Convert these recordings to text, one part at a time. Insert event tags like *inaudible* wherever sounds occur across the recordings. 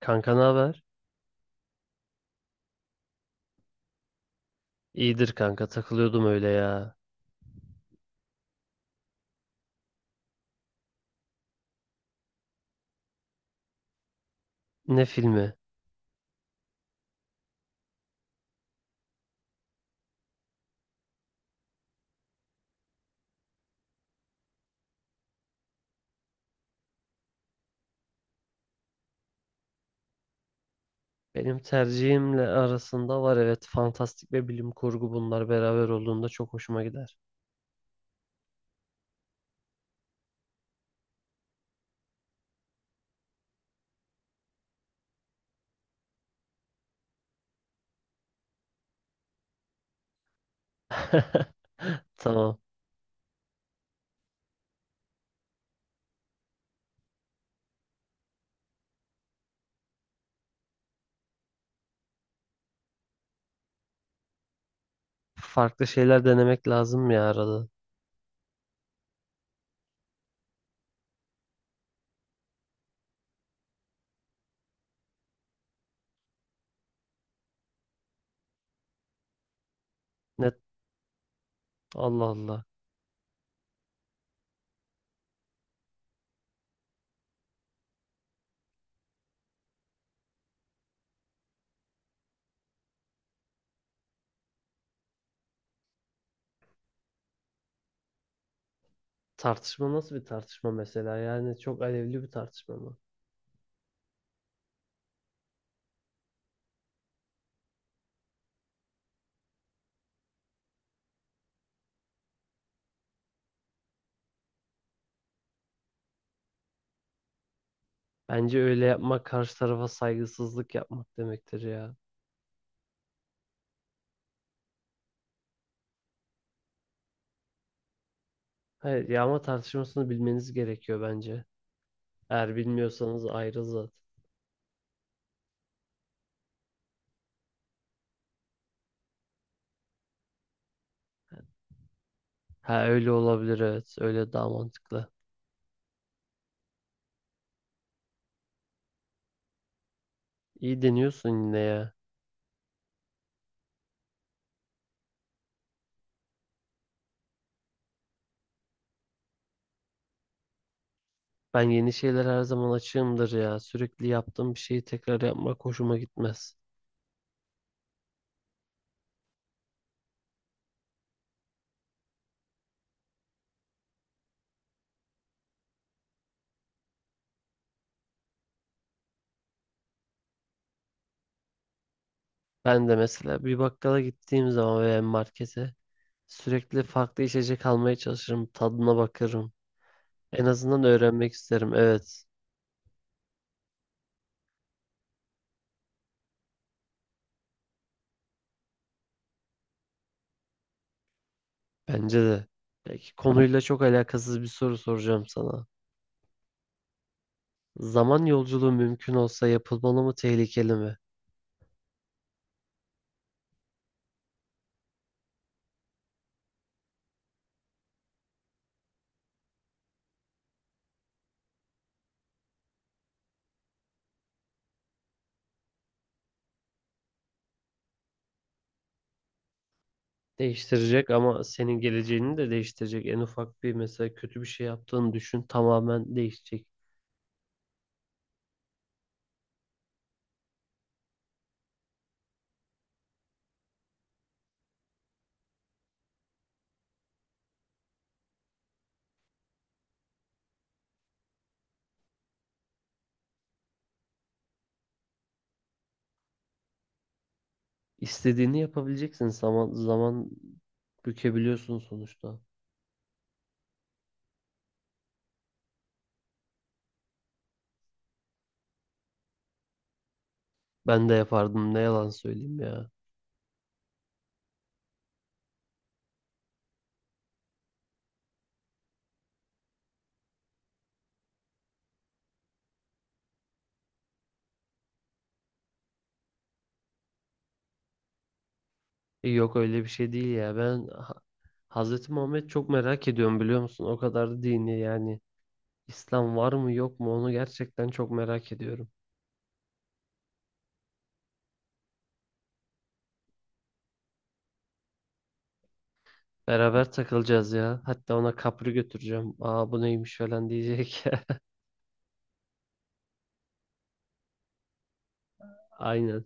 Kanka ne haber? İyidir kanka takılıyordum öyle ya. Ne filmi? Benim tercihimle arasında var, evet, fantastik ve bilim kurgu bunlar beraber olduğunda çok hoşuma gider. *laughs* Tamam. Farklı şeyler denemek lazım ya arada. Ne, Allah Allah. Tartışma nasıl bir tartışma mesela? Yani çok alevli bir tartışma mı? Bence öyle yapmak karşı tarafa saygısızlık yapmak demektir ya. Hayır, yağma tartışmasını bilmeniz gerekiyor bence. Eğer bilmiyorsanız ayrı zaten. Ha, öyle olabilir evet. Öyle daha mantıklı. İyi deniyorsun yine ya. Ben yeni şeyler her zaman açığımdır ya. Sürekli yaptığım bir şeyi tekrar yapmak hoşuma gitmez. Ben de mesela bir bakkala gittiğim zaman veya markete sürekli farklı içecek almaya çalışırım. Tadına bakarım. En azından öğrenmek isterim. Evet. Bence de. Peki konuyla çok alakasız bir soru soracağım sana. Zaman yolculuğu mümkün olsa yapılmalı mı, tehlikeli mi? Değiştirecek ama senin geleceğini de değiştirecek. En ufak bir mesela kötü bir şey yaptığını düşün, tamamen değişecek. İstediğini yapabileceksin. Zaman zaman bükebiliyorsun sonuçta. Ben de yapardım, ne yalan söyleyeyim ya. Yok öyle bir şey değil ya. Ben Hazreti Muhammed çok merak ediyorum biliyor musun? O kadar da dini yani. İslam var mı yok mu onu gerçekten çok merak ediyorum. Beraber takılacağız ya. Hatta ona kapri götüreceğim. Aa bu neymiş falan diyecek. *laughs* Aynen.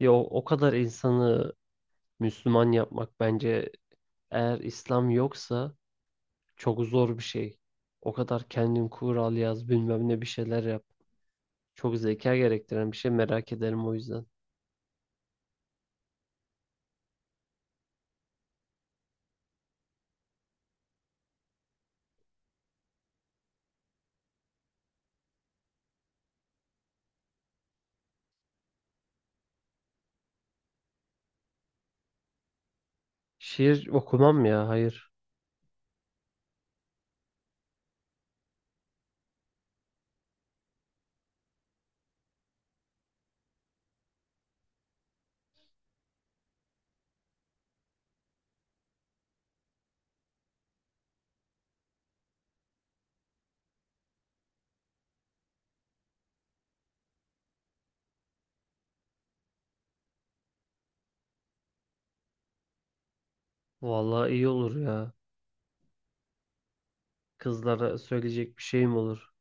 Ya o kadar insanı Müslüman yapmak bence, eğer İslam yoksa, çok zor bir şey. O kadar kendin kural yaz bilmem ne bir şeyler yap. Çok zeka gerektiren bir şey, merak ederim o yüzden. Şiir okumam ya, hayır. Vallahi iyi olur ya. Kızlara söyleyecek bir şeyim olur.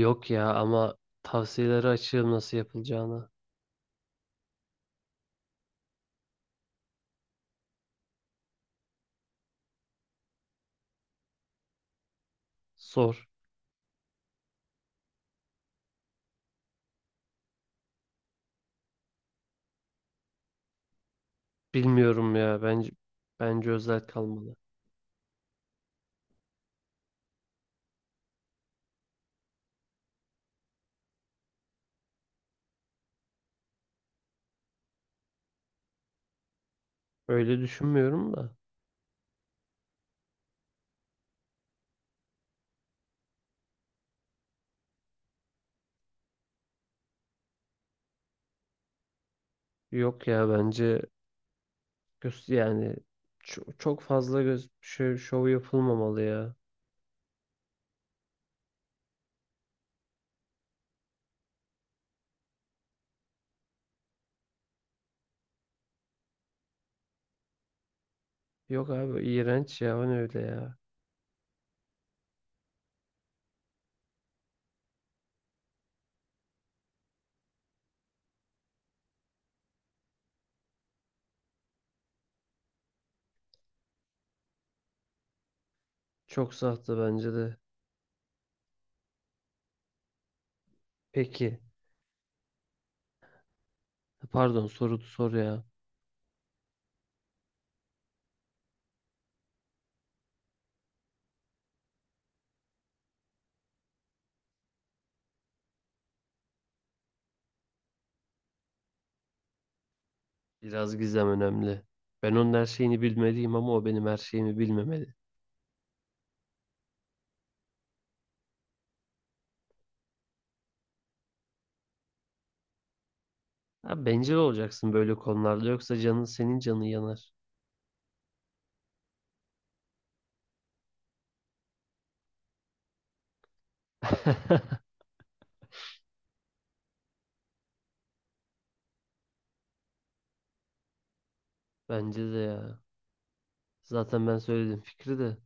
Yok ya, ama tavsiyeleri açığım nasıl yapılacağını. Sor. Bilmiyorum ya, bence bence özel kalmalı. Öyle düşünmüyorum da. Yok ya bence, Göz, yani çok fazla göz şov yapılmamalı ya. Yok abi, iğrenç ya, o ne öyle ya. Çok sahte bence de. Peki, pardon, soru sor ya. Biraz gizem önemli. Ben onun her şeyini bilmeliyim ama o benim her şeyimi bilmemeli. Abi bencil olacaksın böyle konularda, yoksa canın, senin canın yanar. *laughs* Bence de ya. Zaten ben söyledim fikri de.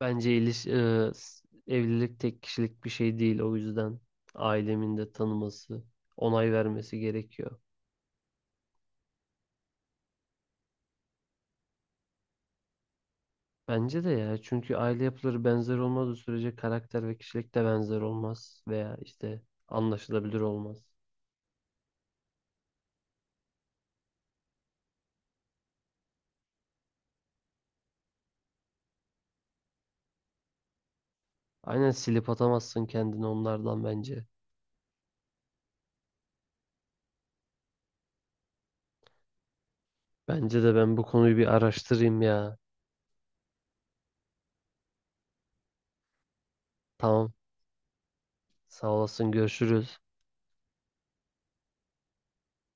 Bence evlilik tek kişilik bir şey değil, o yüzden ailemin de tanıması, onay vermesi gerekiyor. Bence de ya, çünkü aile yapıları benzer olmadığı sürece karakter ve kişilik de benzer olmaz veya işte anlaşılabilir olmaz. Aynen, silip atamazsın kendini onlardan bence. Bence de, ben bu konuyu bir araştırayım ya. Tamam, sağ olasın, görüşürüz.